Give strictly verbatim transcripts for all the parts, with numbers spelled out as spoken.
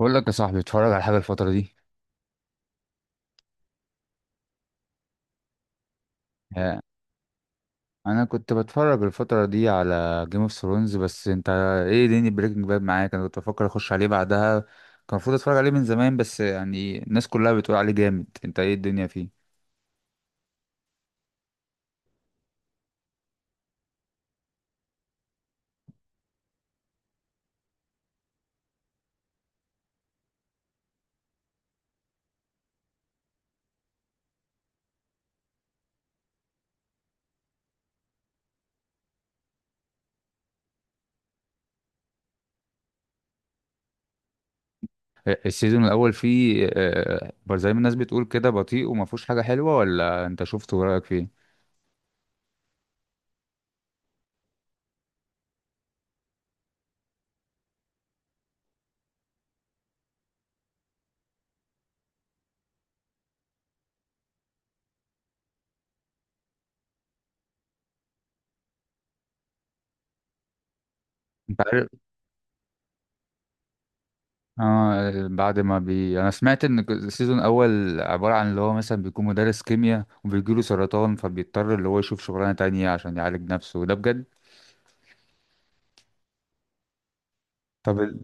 بقول لك يا صاحبي اتفرج على حاجة الفترة دي. آه، انا كنت بتفرج الفترة دي على جيم اوف ثرونز. بس انت ايه دنيا بريكنج باد معاك؟ انا كنت بفكر اخش عليه بعدها، كان المفروض اتفرج عليه من زمان، بس يعني الناس كلها بتقول عليه جامد. انت ايه الدنيا فيه؟ آه، السيزون الاول فيه آه، آه، زي ما الناس بتقول كده بطيء وما فيهوش حاجة حلوة، ولا انت شفته ورأيك فيه؟ انت عارف، اه بعد ما بي انا سمعت ان السيزون الاول عبارة عن اللي هو مثلا بيكون مدرس كيمياء وبيجيله سرطان، فبيضطر اللي هو يشوف شغلانة تانية عشان يعالج نفسه، ده بجد؟ طب ال...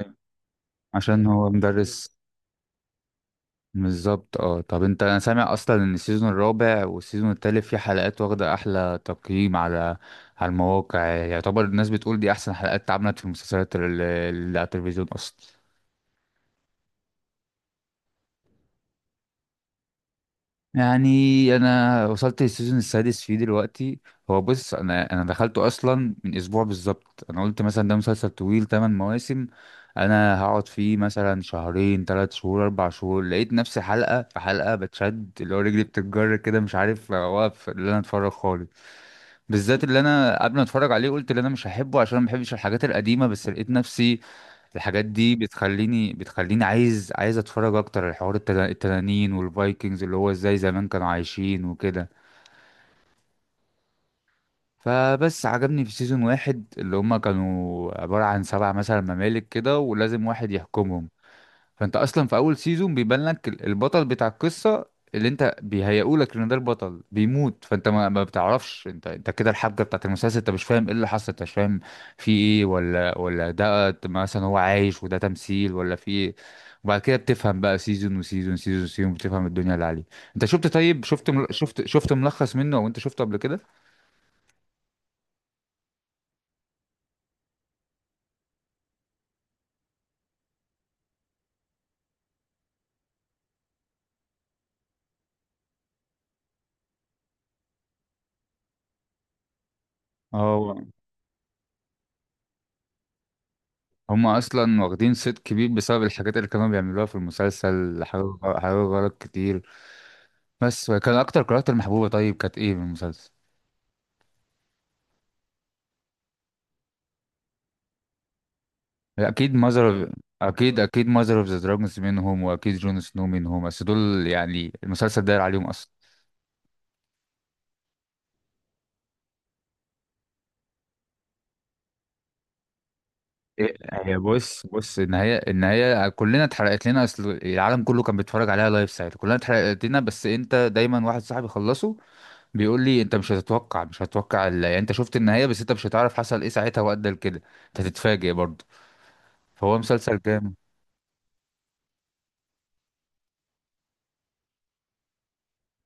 أيوة. عشان هو مدرس. بالظبط اه. طب انت، انا سامع اصلا ان السيزون الرابع والسيزون التالت في حلقات واخدة احلى تقييم على على المواقع، يعني يعتبر الناس بتقول دي احسن حلقات اتعملت في المسلسلات اللي اللي على التلفزيون اصلا. يعني انا وصلت للسيزون السادس فيه دلوقتي. هو بص، انا انا دخلته اصلا من اسبوع بالظبط. انا قلت مثلا ده مسلسل طويل تمن مواسم، انا هقعد فيه مثلا شهرين، تلات شهور، اربع شهور، لقيت نفسي حلقة في حلقة بتشد اللي هو رجلي بتتجر كده، مش عارف اوقف اللي انا اتفرج خالص. بالذات اللي انا قبل ما اتفرج عليه قلت اللي انا مش هحبه عشان ما بحبش الحاجات القديمة، بس لقيت نفسي الحاجات دي بتخليني بتخليني عايز عايز اتفرج اكتر على حوار التنا- التنانين والفايكنجز، اللي هو ازاي زمان كانوا عايشين وكده. فبس عجبني في سيزون واحد اللي هما كانوا عبارة عن سبع مثلا ممالك كده ولازم واحد يحكمهم. فانت اصلا في اول سيزون بيبان لك ال- البطل بتاع القصه، اللي انت بيهيئولك ان ده البطل بيموت، فانت ما, ما بتعرفش انت، انت كده الحبكه بتاعت المسلسل انت مش فاهم ايه اللي حصل، انت مش فاهم في ايه، ولا ولا ده مثلا هو عايش وده تمثيل ولا في ايه. وبعد كده بتفهم بقى سيزون وسيزون، سيزون وسيزون بتفهم الدنيا اللي عليه. انت شفت؟ طيب شفت مل... شفت شفت ملخص منه او انت شفته قبل كده؟ اه، هم اصلا واخدين صيت كبير بسبب الحاجات اللي كانوا بيعملوها في المسلسل، حاجات حاجات غلط كتير. بس كان اكتر كاركتر محبوبه طيب كانت ايه من المسلسل؟ اكيد ماذر. اكيد، اكيد ماذر اوف ذا دراجونز منهم، واكيد جون سنو منهم، بس دول يعني المسلسل داير عليهم اصلا. إيه، هي بص بص النهايه، النهايه كلنا اتحرقت لنا اصل العالم كله كان بيتفرج عليها لايف ساعتها، كلنا اتحرقت لنا. بس انت دايما واحد صاحبي خلصه بيقول لي انت مش هتتوقع، مش هتتوقع ال- يعني انت شفت النهايه بس انت مش هتعرف حصل ايه ساعتها وادى لكده. انت هتتفاجئ برضه. فهو مسلسل جامد.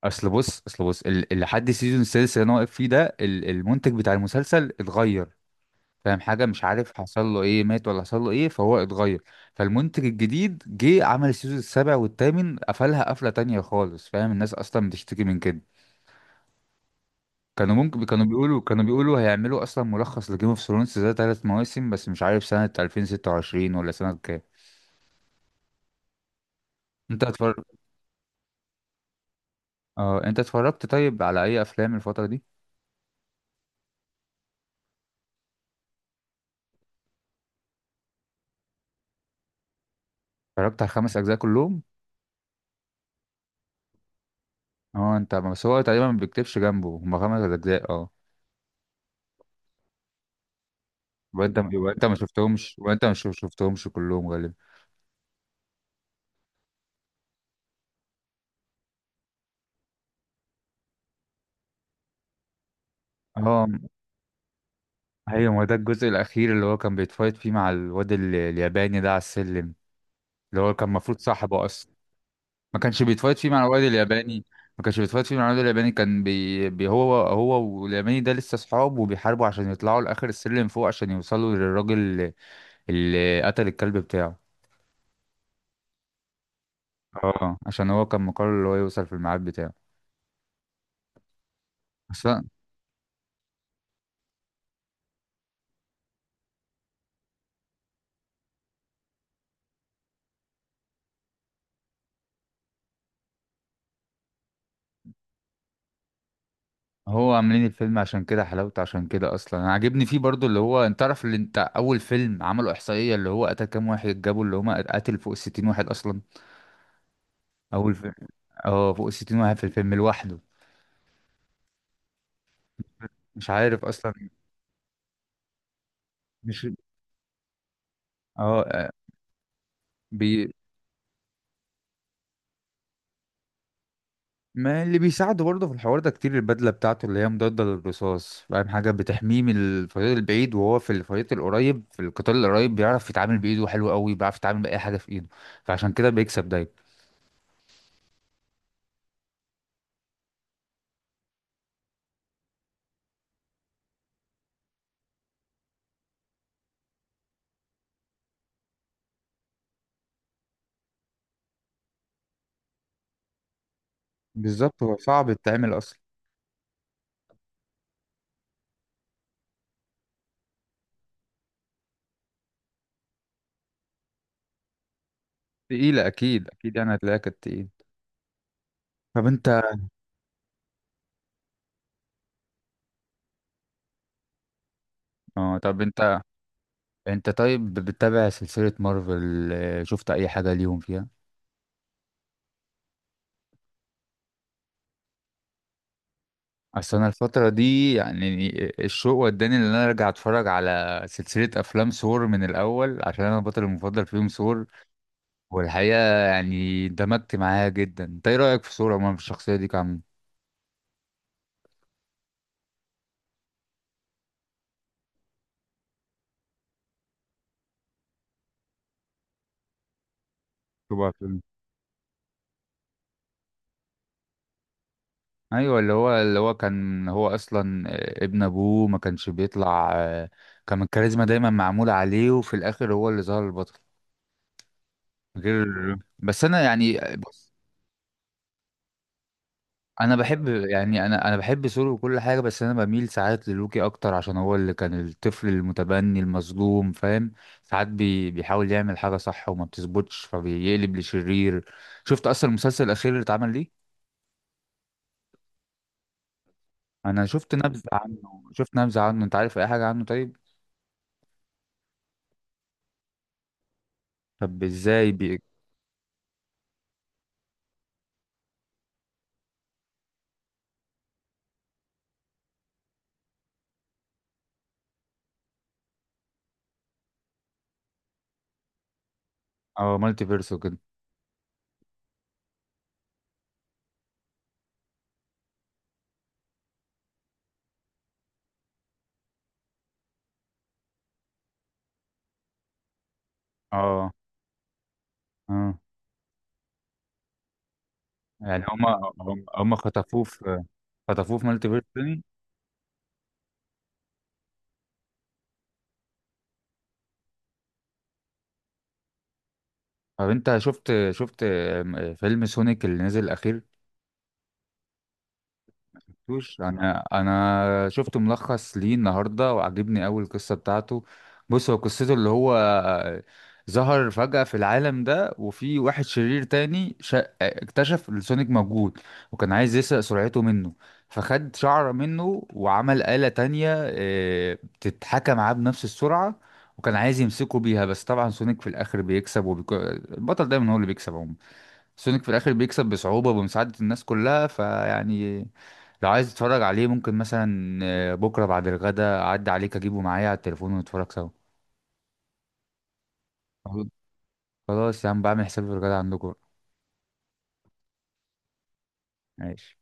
اصل بص، اصل بص ال- اللي لحد السيزون السادس اللي انا واقف فيه ده ال- المنتج بتاع المسلسل اتغير، فاهم حاجه؟ مش عارف حصل له ايه، مات ولا حصل له ايه، فهو اتغير. فالمنتج الجديد جه عمل السيزون السابع والثامن، قفلها قفله تانية خالص، فاهم؟ الناس اصلا بتشتكي من كده. كانوا ممكن، كانوا بيقولوا، كانوا بيقولوا هيعملوا اصلا ملخص لجيم اوف ثرونز ده ثلاث مواسم، بس مش عارف سنه الفين وستة وعشرين ولا سنه كام. انت اتفرج، اه انت اتفرجت طيب على اي افلام الفتره دي؟ اتفرجت على الخمس اجزاء كلهم. اه انت، بس هو تقريبا ما بيكتبش جنبه هما خمس اجزاء، اه. وانت وانت ما شفتهمش، وانت ما شفتهمش كلهم غالبا. اه ايوه، ما ده الجزء الاخير اللي هو كان بيتفايت فيه مع الواد ال- الياباني ده على السلم، اللي هو كان المفروض صاحبه اصلا. ما كانش بيتفايت فيه مع الواد الياباني، ما كانش بيتفايت فيه مع الواد الياباني، كان بي... بي هو هو والياباني ده لسه صحاب وبيحاربوا عشان يطلعوا لاخر السلم فوق عشان يوصلوا للراجل اللي اللي قتل الكلب بتاعه. اه عشان هو كان مقرر اللي هو يوصل في الميعاد بتاعه. بس هو عاملين الفيلم عشان كده حلاوته، عشان كده اصلا انا عاجبني فيه برضو، اللي هو انت تعرف اللي انت اول فيلم عملوا احصائيه اللي هو قتل كام واحد، جابوا اللي هم قتل فوق الستين واحد اصلا. اول فيلم، اه فوق الستين واحد في الفيلم لوحده، مش عارف اصلا. مش اه، بي ما اللي بيساعده برضه في الحوار ده كتير البدله بتاعته اللي هي مضاده للرصاص، فاهم حاجه، بتحميه من الفريق البعيد، وهو في الفريق القريب في القتال القريب بيعرف يتعامل بايده حلو قوي، بيعرف يتعامل باي حاجه في ايده، فعشان كده بيكسب دايما. بالظبط هو صعب يتعمل. تقيلة أكيد، أكيد يعني هتلاقيها كانت تقيلة. طب أنت، اه طب أنت، أنت طيب بتتابع سلسلة مارفل؟ آه، شفت أي حاجة ليهم فيها؟ أصل أنا الفترة دي، يعني آه، الشوق وداني إن أنا أرجع أتفرج على سلسلة أفلام ثور من الأول، عشان أنا البطل المفضل فيهم ثور. والحقيقة يعني اندمجت معاها جدا، أنت إيه رأيك في ثور عموما، في الشخصية دي كعم؟ ايوه، اللي هو اللي هو كان هو اصلا آه، ابن ابوه، ما كانش بيطلع، آه، كان الكاريزما دايما معمولة عليه وفي الاخر هو اللي ظهر البطل غير. بس انا يعني آه، بص، انا بحب يعني، انا انا بحب سولو وكل حاجة، بس انا بميل ساعات للوكي اكتر عشان هو اللي كان الطفل المتبني المظلوم، فاهم. ساعات بي بيحاول يعمل حاجة صح وما بتظبطش فبيقلب لشرير. شفت اصلا المسلسل الاخير اللي اتعمل ليه؟ انا شفت نبذة عنه، شفت نبذة عنه. انت عارف اي حاجة عنه طيب؟ طب ازاي بي اه؟ مالتي فيرس وكده؟ اه، اه. يعني هما هم هم خطفوه في، خطفوه في مالتي فيرس تاني؟ طب انت شفت شفت فيلم سونيك اللي نزل الاخير، شفتوش؟ انا انا شفت ملخص ليه النهارده وعجبني قوي القصه بتاعته. بص هو قصته اللي هو ظهر فجأة في العالم ده، وفي واحد شرير تاني شا... اكتشف إن سونيك موجود وكان عايز يسرق سرعته منه، فخد شعره منه وعمل آلة تانية آه، بتتحكى معاه بنفس السرعة، وكان عايز يمسكه بيها. بس طبعا سونيك في الآخر بيكسب وبيك... البطل دايما هو اللي بيكسب عموما. سونيك في الاخر بيكسب بصعوبة وبمساعدة الناس كلها، فيعني لو عايز تتفرج عليه ممكن مثلا آه، بكرة بعد الغدا اعدي عليك اجيبه معايا على التليفون ونتفرج سوا. خلاص، خلاص يا عم، بعمل حسابي في الغدا عندكم. ماشي.